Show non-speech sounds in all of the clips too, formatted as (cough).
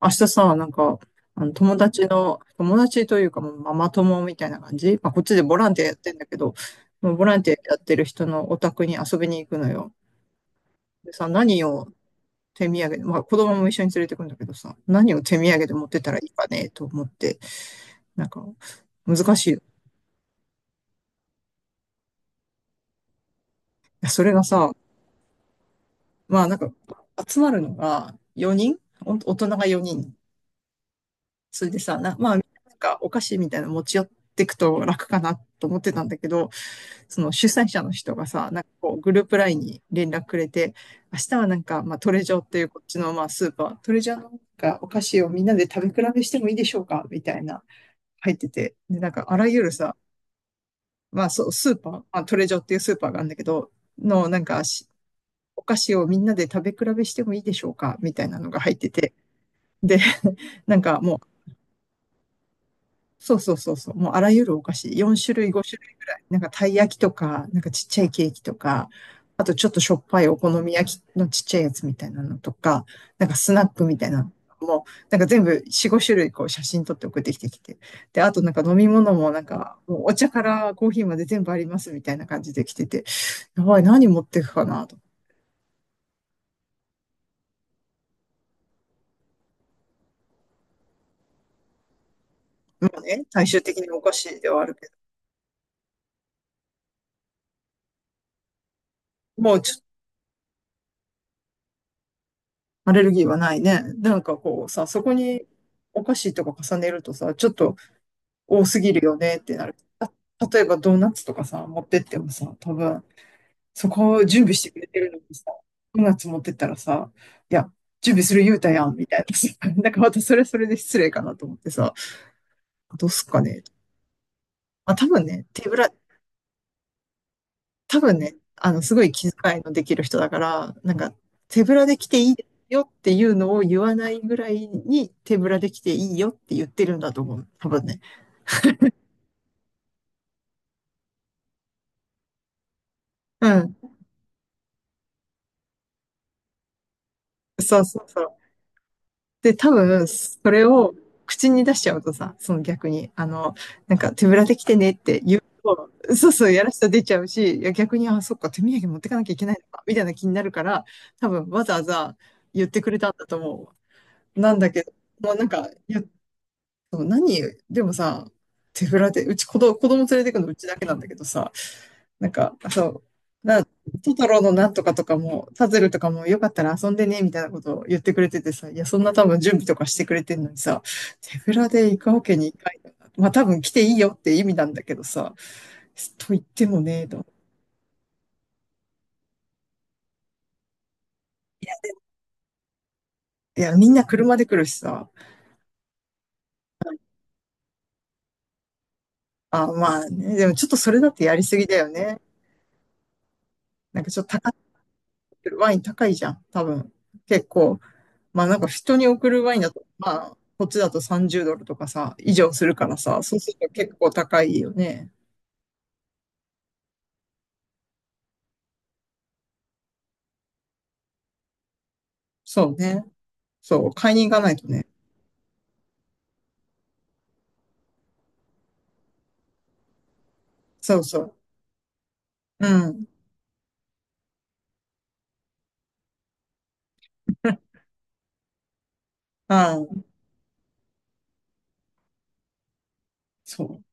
明日さ、なんか、あの友達の、友達というか、もうママ友みたいな感じ。まあ、こっちでボランティアやってんだけど、もうボランティアやってる人のお宅に遊びに行くのよ。でさ、何を手土産で、まあ、子供も一緒に連れてくんだけどさ、何を手土産で持ってたらいいかね、と思って、なんか、難しいよ。いやそれがさ、まあ、なんか、集まるのが4人、お大人が4人。それでさ、まあ、なんか、お菓子みたいなの持ち寄ってくと楽かなと思ってたんだけど、その主催者の人がさ、なんかこうグループラインに連絡くれて、明日はなんか、まあ、トレジョっていうこっちのまあスーパー、トレジョのなんかお菓子をみんなで食べ比べしてもいいでしょうかみたいな入ってて、で、なんかあらゆるさ、まあそう、スーパー、まあ、トレジョっていうスーパーがあるんだけど、のなんかお菓子をみんなで食べ比べしてもいいでしょうかみたいなのが入ってて、で、(laughs) なんかもうそうそうそうそう。もうあらゆるお菓子、4種類、5種類ぐらい。なんかたい焼きとか、なんかちっちゃいケーキとか、あとちょっとしょっぱいお好み焼きのちっちゃいやつみたいなのとか、なんかスナックみたいなのも、なんか全部4、5種類こう写真撮って送ってきて。で、あとなんか飲み物もなんか、もうお茶からコーヒーまで全部ありますみたいな感じで来てて、やばい、何持ってくかなと。まあね、最終的にお菓子ではあるけど、もうちょっとアレルギーはないね。なんかこうさ、そこにお菓子とか重ねるとさ、ちょっと多すぎるよねってなる。例えばドーナツとかさ、持ってってもさ、多分、そこを準備してくれてるのにさ、ドーナツ持ってったらさ、いや、準備する言うたやん、みたいなさ。(laughs) なんかまたそれはそれで失礼かなと思ってさ、どうすっかね。まあ多分ね、手ぶら、多分ね、あの、すごい気遣いのできる人だから、なんか、手ぶらで来ていいよっていうのを言わないぐらいに手ぶらで来ていいよって言ってるんだと思う。多分ね。うん。そうそうそう。で、多分、それを口に出しちゃうとさ、その逆に、あの、なんか手ぶらで来てねって言うと、そうそう、やらしさ出ちゃうし、いや逆に、あ、そっか、手土産持ってかなきゃいけないのか、みたいな気になるから、多分わざわざ言ってくれたんだと思う。なんだけど、もうなんか、いや、何、でもさ、手ぶらで、うち子供連れてくのうちだけなんだけどさ、なんか、そう、トトロのなんとかとかも、パズルとかもよかったら遊んでね、みたいなことを言ってくれててさ、いや、そんな多分準備とかしてくれてんのにさ、手ぶらで行くわけにいかないよな。まあ多分来ていいよって意味なんだけどさ、と言ってもね、と。いや、みんな車で来るしさ。あ、まあね、でもちょっとそれだってやりすぎだよね。なんかちょっと高い、ワイン高いじゃん、多分。結構。まあなんか人に送るワインだと、まあこっちだと30ドルとかさ、以上するからさ、そうすると結構高いよね。そうね。そう、買いに行かないとね。そうそう。うん。ああ、そう。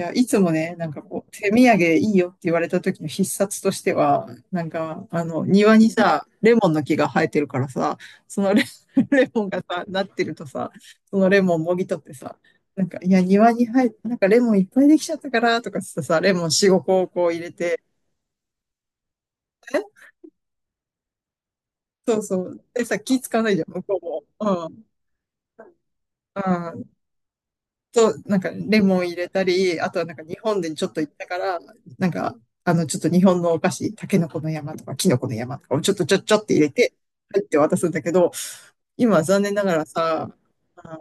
いや、いつもね、なんかこう、手土産いいよって言われた時の必殺としては、なんか、あの、庭にさ、レモンの木が生えてるからさ、その(laughs) レモンがさ、なってるとさ、そのレモンもぎ取ってさ、なんか、いや、庭に生え、なんかレモンいっぱいできちゃったから、とかつってさ、レモン4、5個をこう入れて、えそうそう。でさ、気使わないじゃん、向こうも。うん。うん、なんかレモン入れたり、あとはなんか日本でちょっと行ったから、なんか、あの、ちょっと日本のお菓子、タケノコの山とかキノコの山とかをちょっとちょっちょって入れて、入って渡すんだけど、今は残念ながらさ、あ、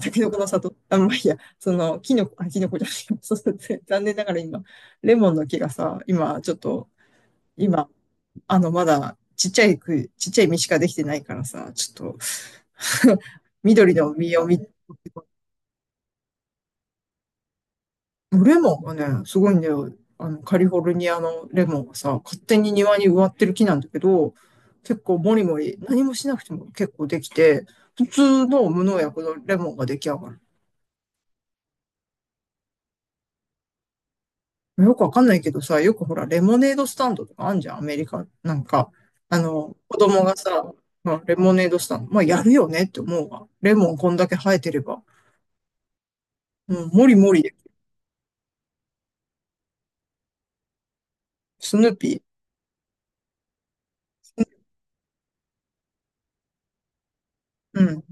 タケノコの里、あ、まあ、いいや、その、キノコ、あ、キノコじゃない、(laughs) そうそう残念ながら今、レモンの木がさ、今ちょっと、今、あの、まだちっちゃい実しかできてないからさ、ちょっと (laughs) 緑の実を見、レモンがね、すごいんだよ。あの、カリフォルニアのレモンがさ、勝手に庭に植わってる木なんだけど、結構もりもり、何もしなくても結構できて、普通の無農薬のレモンが出来上がる。よくわかんないけどさ、よくほら、レモネードスタンドとかあんじゃん、アメリカ。なんか、あの、子供がさ、まあ、レモネードスタンド、まあ、やるよねって思うわ。レモンこんだけ生えてれば。うん、もりもりで、スヌーピー。うん。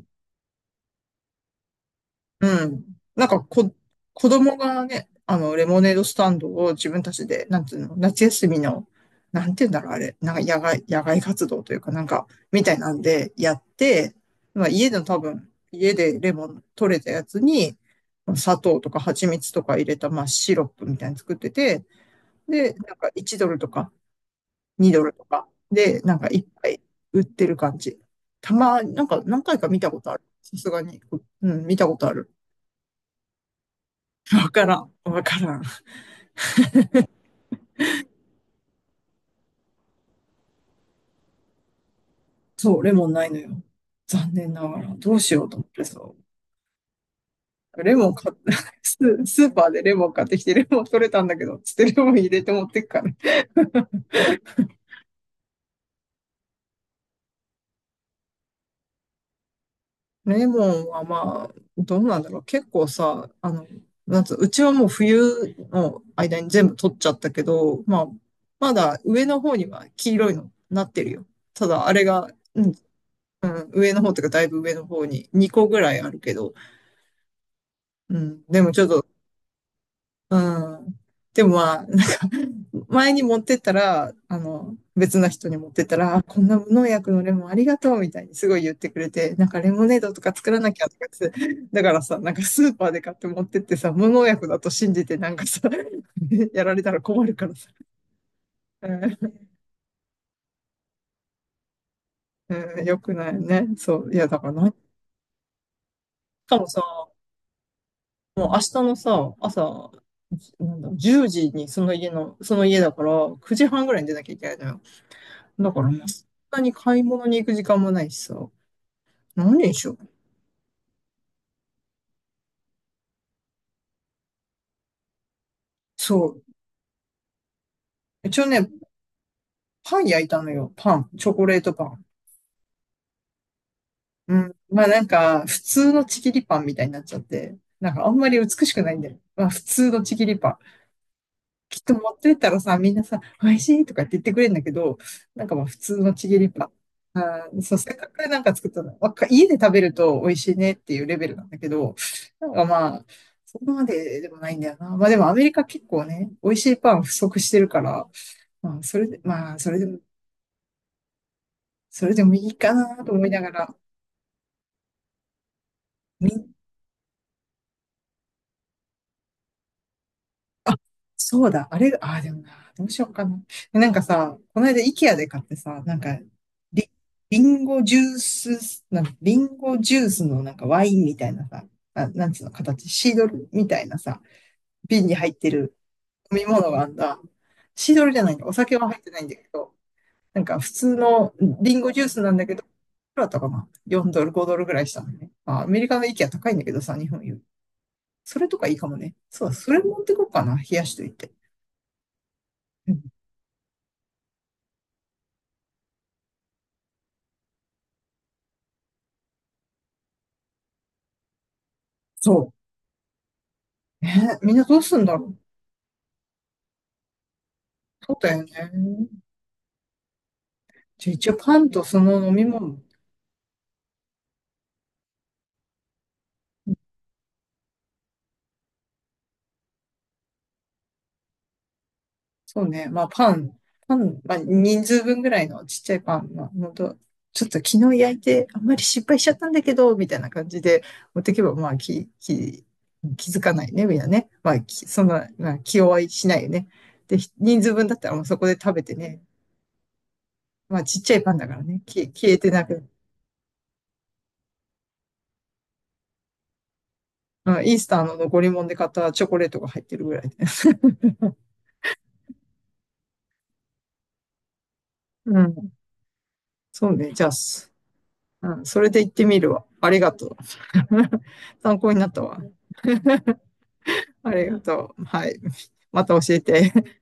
うん。なんか、子供がね、あの、レモネードスタンドを自分たちで、なんていうの、夏休みの、なんていうんだろう、あれ、なんか野外活動というか、なんか、みたいなんでやって、まあ、家での多分、家でレモン取れたやつに、まあ砂糖とか蜂蜜とか入れた、まあ、シロップみたいに作ってて、で、なんか1ドルとか2ドルとかで、なんか1杯売ってる感じ。なんか何回か見たことある。さすがに、うん、見たことある。わからん。わからん。そう、レモンないのよ。残念ながら。どうしようと思ってさ。レモン買っ (laughs) て、ススーパーでレモン買ってきて、レモン取れたんだけど、つってレモン入れて持ってくから。レモンはまあ、どうなんだろう。結構さ、あの、なんつう、うちはもう冬の間に全部取っちゃったけど、まあ、まだ上の方には黄色いのなってるよ。ただ、あれが、うん、うん、上の方というかだいぶ上の方に2個ぐらいあるけど、うん、でもちょっとうん。でもまあ、なんか、前に持ってったら、あの、別の人に持ってったら、あこんな無農薬のレモンありがとうみたいにすごい言ってくれて、なんかレモネードとか作らなきゃとかって、だからさ、なんかスーパーで買って持ってってさ、無農薬だと信じてなんかさ、(laughs) やられたら困るからさ、うんうん、よくないよね。そう、いやだからな。しかもさ、もう明日のさ、朝、じなんだ、10時にその家だから、9時半ぐらいに出なきゃいけないのよ。だからもう、そんなに買い物に行く時間もないしさ。何にしよう。そう。一応ね、パン焼いたのよ。パン。チョコレートパン。うん。まあなんか、普通のちぎりパンみたいになっちゃって。なんかあんまり美しくないんだよ。まあ普通のちぎりパン。きっと持ってったらさ、みんなさ、美味しいとかって言ってくれるんだけど、なんかまあ普通のちぎりパン。あー、そう、せっかくなんか作ったの、家で食べると美味しいねっていうレベルなんだけど、なんかまあ、そこまででもないんだよな。まあでもアメリカ結構ね、美味しいパン不足してるから、まあそれで、まあそれでも、それでもいいかなと思いながら、みんあ、そうだ、あれ、あ、でもな、どうしようかな。なんかさ、この間、イケアで買ってさ、なんか、リ、リンゴジュース、リンゴジュースのなんかワインみたいなさ、あ、なんつうの形、シードルみたいなさ、瓶に入ってる飲み物があんだ。シードルじゃないんだ、お酒は入ってないんだけど、なんか普通のリンゴジュースなんだけど、いくらだったかな？ 4 ドル、5ドルぐらいしたのね。あ、アメリカのイケア高いんだけどさ、日本より。それとかいいかもね。そうだ、それ持ってこうかな、冷やしといて。そう。ね、みんなどうすんだろう。そうだよね。じゃあ一応パンとその飲み物。そうね。まあパン、まあ人数分ぐらいのちっちゃいパンのと、ちょっと昨日焼いてあんまり失敗しちゃったんだけど、みたいな感じで持ってけば、まあ気づかないね、みんなね。まあ、そんな、まあ、気弱いしないよね。で、人数分だったらもうそこで食べてね。まあちっちゃいパンだからね。消えてなく、うんイースターの残り物で買ったチョコレートが入ってるぐらいで。(laughs) うん。そうね。じゃあ、うん、それで行ってみるわ。ありがとう。(laughs) 参考になったわ。ありがとう。はい。また教えて。